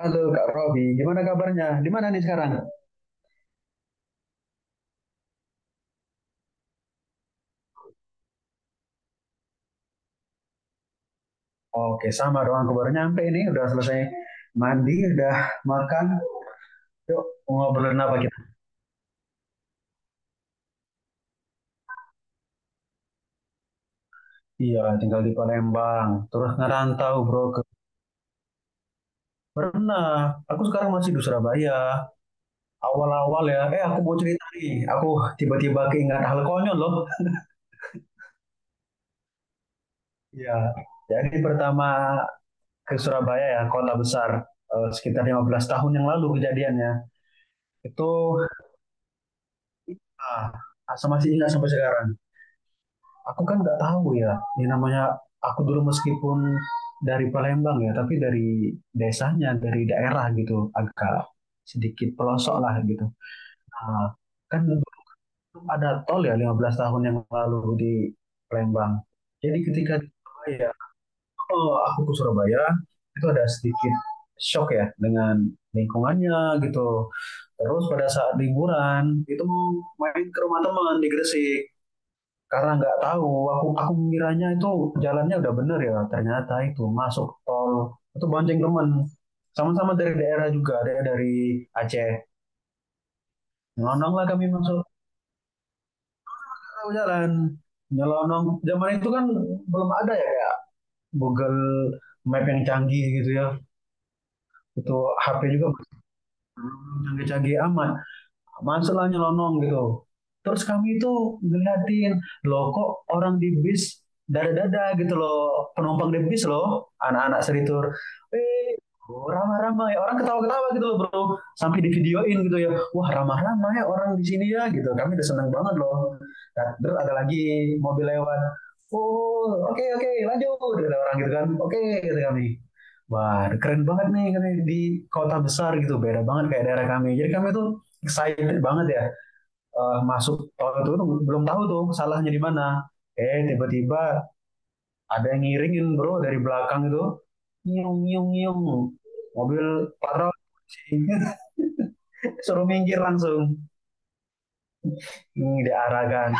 Halo Kak Robi, gimana kabarnya? Di mana nih sekarang? Oke, sama doang. Aku baru nyampe ini, udah selesai mandi, udah makan. Yuk, mau ngobrolin apa kita? Iya, tinggal di Palembang. Terus ngerantau bro ke pernah. Aku sekarang masih di Surabaya. Awal-awal ya, aku mau cerita nih. Aku tiba-tiba keingat hal konyol loh. Iya. Jadi pertama ke Surabaya ya, kota besar. Sekitar 15 tahun yang lalu kejadiannya. Itu ah, masih ingat sampai sekarang. Aku kan nggak tahu ya, ini namanya aku dulu meskipun dari Palembang ya, tapi dari desanya, dari daerah gitu, agak sedikit pelosok lah gitu. Nah, kan belum ada tol ya 15 tahun yang lalu di Palembang. Jadi ketika di Surabaya, oh aku ke Surabaya, itu ada sedikit shock ya dengan lingkungannya gitu. Terus pada saat liburan itu mau main ke rumah teman di Gresik, karena nggak tahu, aku mengiranya itu jalannya udah bener ya, ternyata itu masuk tol. Itu bonceng teman, sama-sama dari daerah, juga ada dari Aceh. Nyelonong lah kami masuk, tahu jalan, nyelonong. Zaman itu kan belum ada ya Google Map yang canggih gitu ya. Itu HP juga belum canggih-canggih amat, masalah nyelonong gitu. Terus kami itu ngeliatin, loh kok orang di bis dada-dada gitu loh, penumpang di bis loh, anak-anak seritur. Eh, oh, ramah-ramah ya, orang ketawa-ketawa gitu loh bro, sampai di videoin gitu ya, wah ramah-ramah ya orang di sini ya gitu, kami udah seneng banget loh. Nah, terus ada lagi mobil lewat, oh oke okay, oke okay, lanjut, ada orang gitu kan, oke okay, kata kami. Wah, keren banget nih katanya di kota besar gitu, beda banget kayak daerah kami. Jadi kami tuh excited banget ya, masuk tahun itu belum tahu tuh salahnya di mana. Eh tiba-tiba ada yang ngiringin bro dari belakang itu, nyung nyung nyung, mobil patroli suruh minggir langsung. Hmm, diarahkan.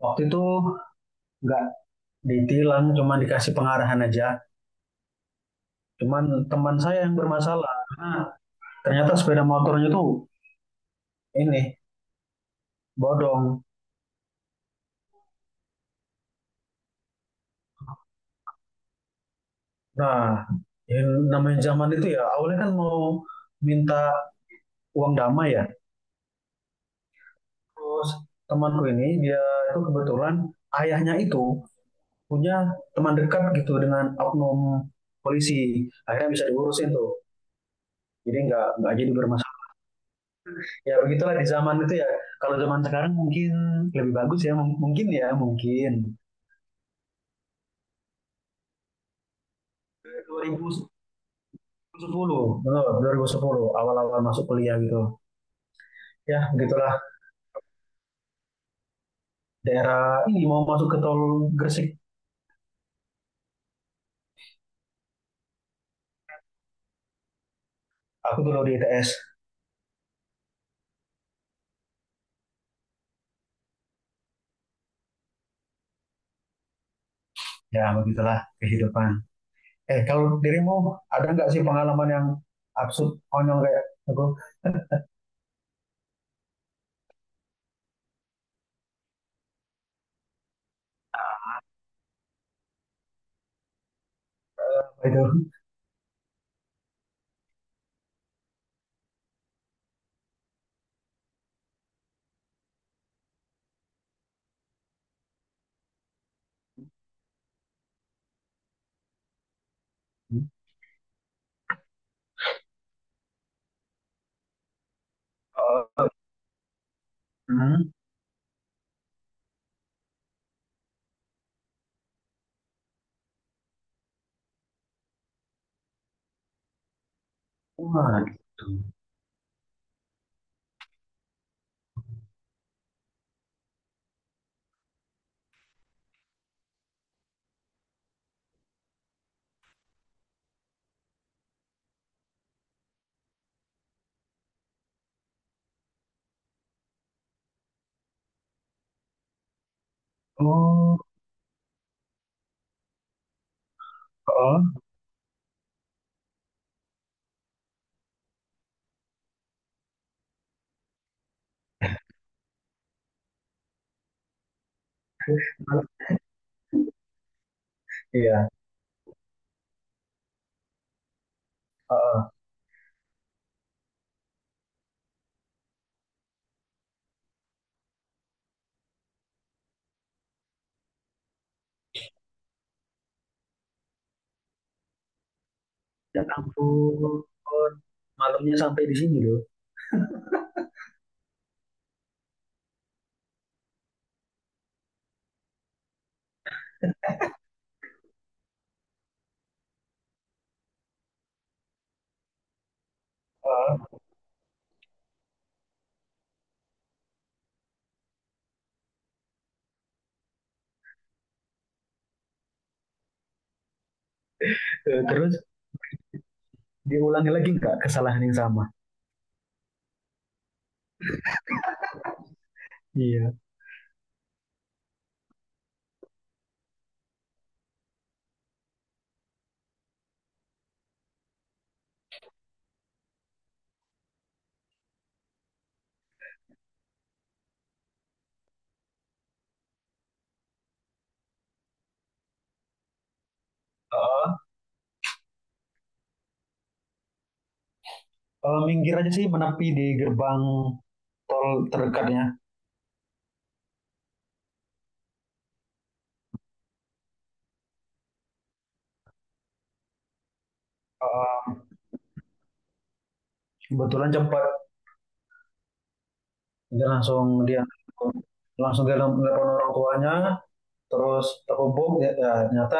Waktu itu nggak ditilang, cuma dikasih pengarahan aja. Cuman teman saya yang bermasalah, karena ternyata sepeda motornya tuh ini bodong. Nah, yang namanya zaman itu ya, awalnya kan mau minta uang damai ya. Terus temanku ini dia itu kebetulan ayahnya itu punya teman dekat gitu dengan oknum polisi. Akhirnya bisa diurusin tuh. Jadi nggak jadi bermasalah. Ya begitulah di zaman itu ya. Kalau zaman sekarang mungkin lebih bagus ya. Mungkin ya mungkin. 2010 betul, 2010 awal-awal masuk kuliah gitu. Ya begitulah, daerah ini mau masuk ke tol Gresik. Aku dulu di ITS. Ya begitulah kehidupan. Eh, kalau dirimu ada nggak sih pengalaman yang absurd, konyol kayak aku, apa itu? Oh. Hmm. Wah, gitu. Oh, oh. Iya. Oh. Ya ampun, malunya sampai di sini loh. Oh. Eh, terus diulangi lagi nggak kesalahan yang sama? Iya. Oh, kalau minggir aja sih, menepi di gerbang tol terdekatnya. Oh, kebetulan cepat. Dia langsung dia nelpon orang tuanya, terus terhubung ya, ya, ternyata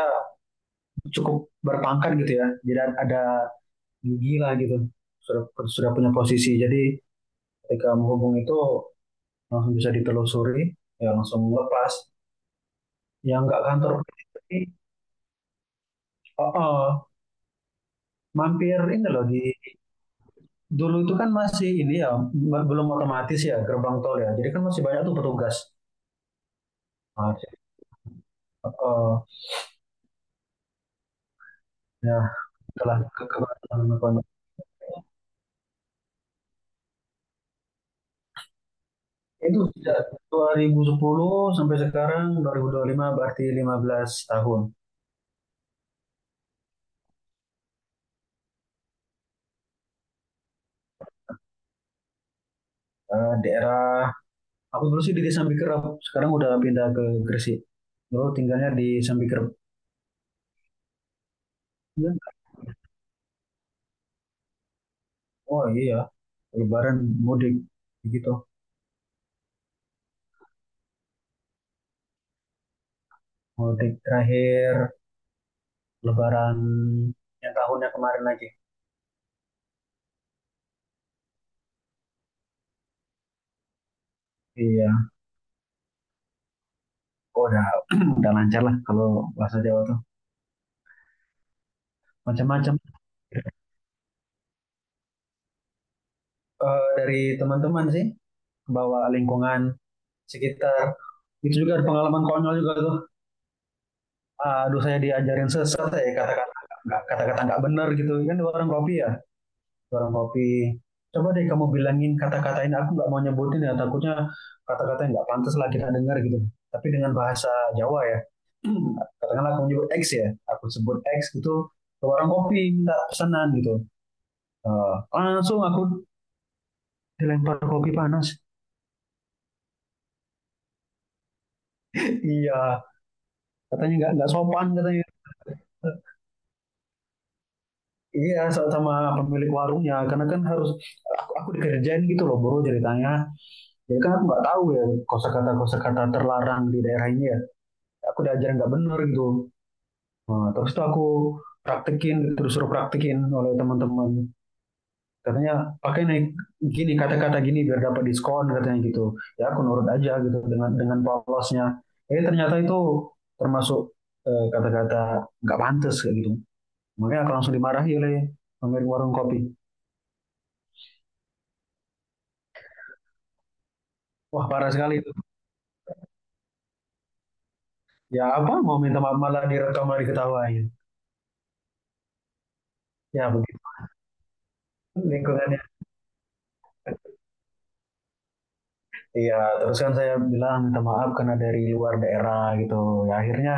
cukup berpangkat gitu ya, jadi ada gigi lah gitu, sudah sudah punya posisi. Jadi ketika menghubung itu langsung bisa ditelusuri, ya langsung lepas. Yang nggak kantor ini, oh, oh, mampir ini loh di dulu itu kan masih ini ya, belum otomatis ya gerbang tol ya, jadi kan masih banyak tuh petugas. Nah, oh, oh, ya setelah ke. Itu sejak 2010 sampai sekarang dua dua ribu dua puluh lima, berarti 15 tahun. Eh, daerah aku dulu sih di Desa Bikrep, sekarang udah pindah ke Gresik. Dulu tinggalnya di Sambikrep. Ya. Oh iya, Lebaran mudik gitu. Mudik terakhir Lebaran yang tahunnya kemarin lagi. Iya, oh, udah udah lancar lah kalau bahasa Jawa tuh macam-macam. Eh, dari teman-teman sih, bawa lingkungan sekitar. Itu juga ada pengalaman konyol juga tuh. Aduh, saya diajarin sesat ya, kata-kata nggak benar gitu kan, warung kopi ya, warung kopi, coba deh kamu bilangin, kata-katain, aku nggak mau nyebutin ya, takutnya kata-kata yang nggak pantas lah kita dengar gitu. Tapi dengan bahasa Jawa ya, katakanlah aku nyebut X ya, aku sebut X gitu ke warung kopi minta pesanan gitu. Langsung aku dilempar kopi panas. Iya, katanya nggak sopan katanya. Iya, sama pemilik warungnya, karena kan harus aku dikerjain gitu loh bro ceritanya. Ya kan aku nggak tahu ya, kosakata kosakata terlarang di daerah ini ya. Aku diajarin nggak bener gitu. Nah, terus tuh aku praktekin, terus suruh praktekin oleh teman-teman. Katanya pakai naik gini, kata-kata gini biar dapat diskon katanya gitu. Ya aku nurut aja gitu dengan polosnya. Eh ternyata itu termasuk kata-kata nggak pantas kayak gitu. Makanya aku langsung dimarahi oleh pemilik warung kopi. Wah parah sekali itu. Ya apa mau minta maaf, malah direkam, malah diketawain. Ya ya, begitu lingkungan. Iya, terus kan saya bilang minta maaf karena dari luar daerah gitu. Ya akhirnya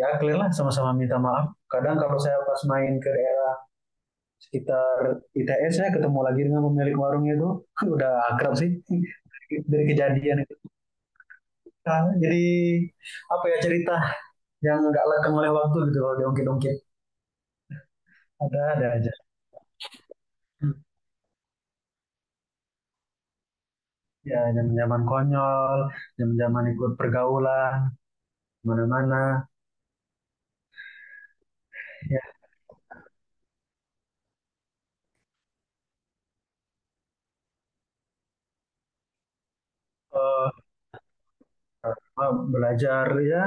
ya clear lah, sama-sama minta maaf. Kadang kalau saya pas main ke daerah sekitar ITS ya ketemu lagi dengan pemilik warungnya itu. Udah akrab sih dari kejadian itu. Nah, jadi apa ya, cerita yang nggak lekang oleh waktu gitu kalau diungkit-ungkit, ada aja. Ya zaman-zaman konyol, zaman-zaman ikut pergaulan, mana-mana. Ya, eh, belajar ya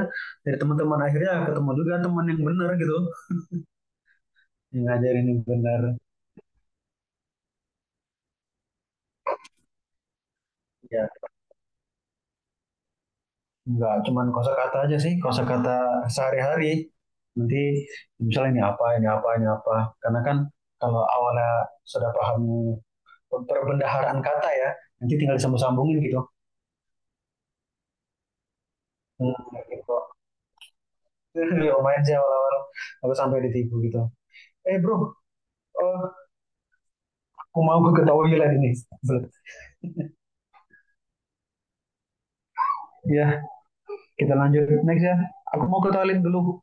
dari teman-teman, akhirnya ketemu juga teman yang benar gitu, yang ngajarin yang benar. Ya nggak cuman kosakata aja sih, kosakata sehari-hari, nanti misalnya ini apa, ini apa, ini apa, karena kan kalau awalnya sudah paham perbendaharaan kata ya, nanti tinggal disambung-sambungin gitu. Hmm, gitu. Ya lumayan sih, awal-awal aku sampai ditipu gitu, eh bro, eh, aku mau ke ketahui lagi ini Belet. Ya kita lanjut next ya, aku mau ke toilet dulu.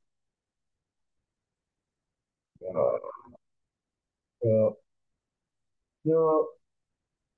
Ya.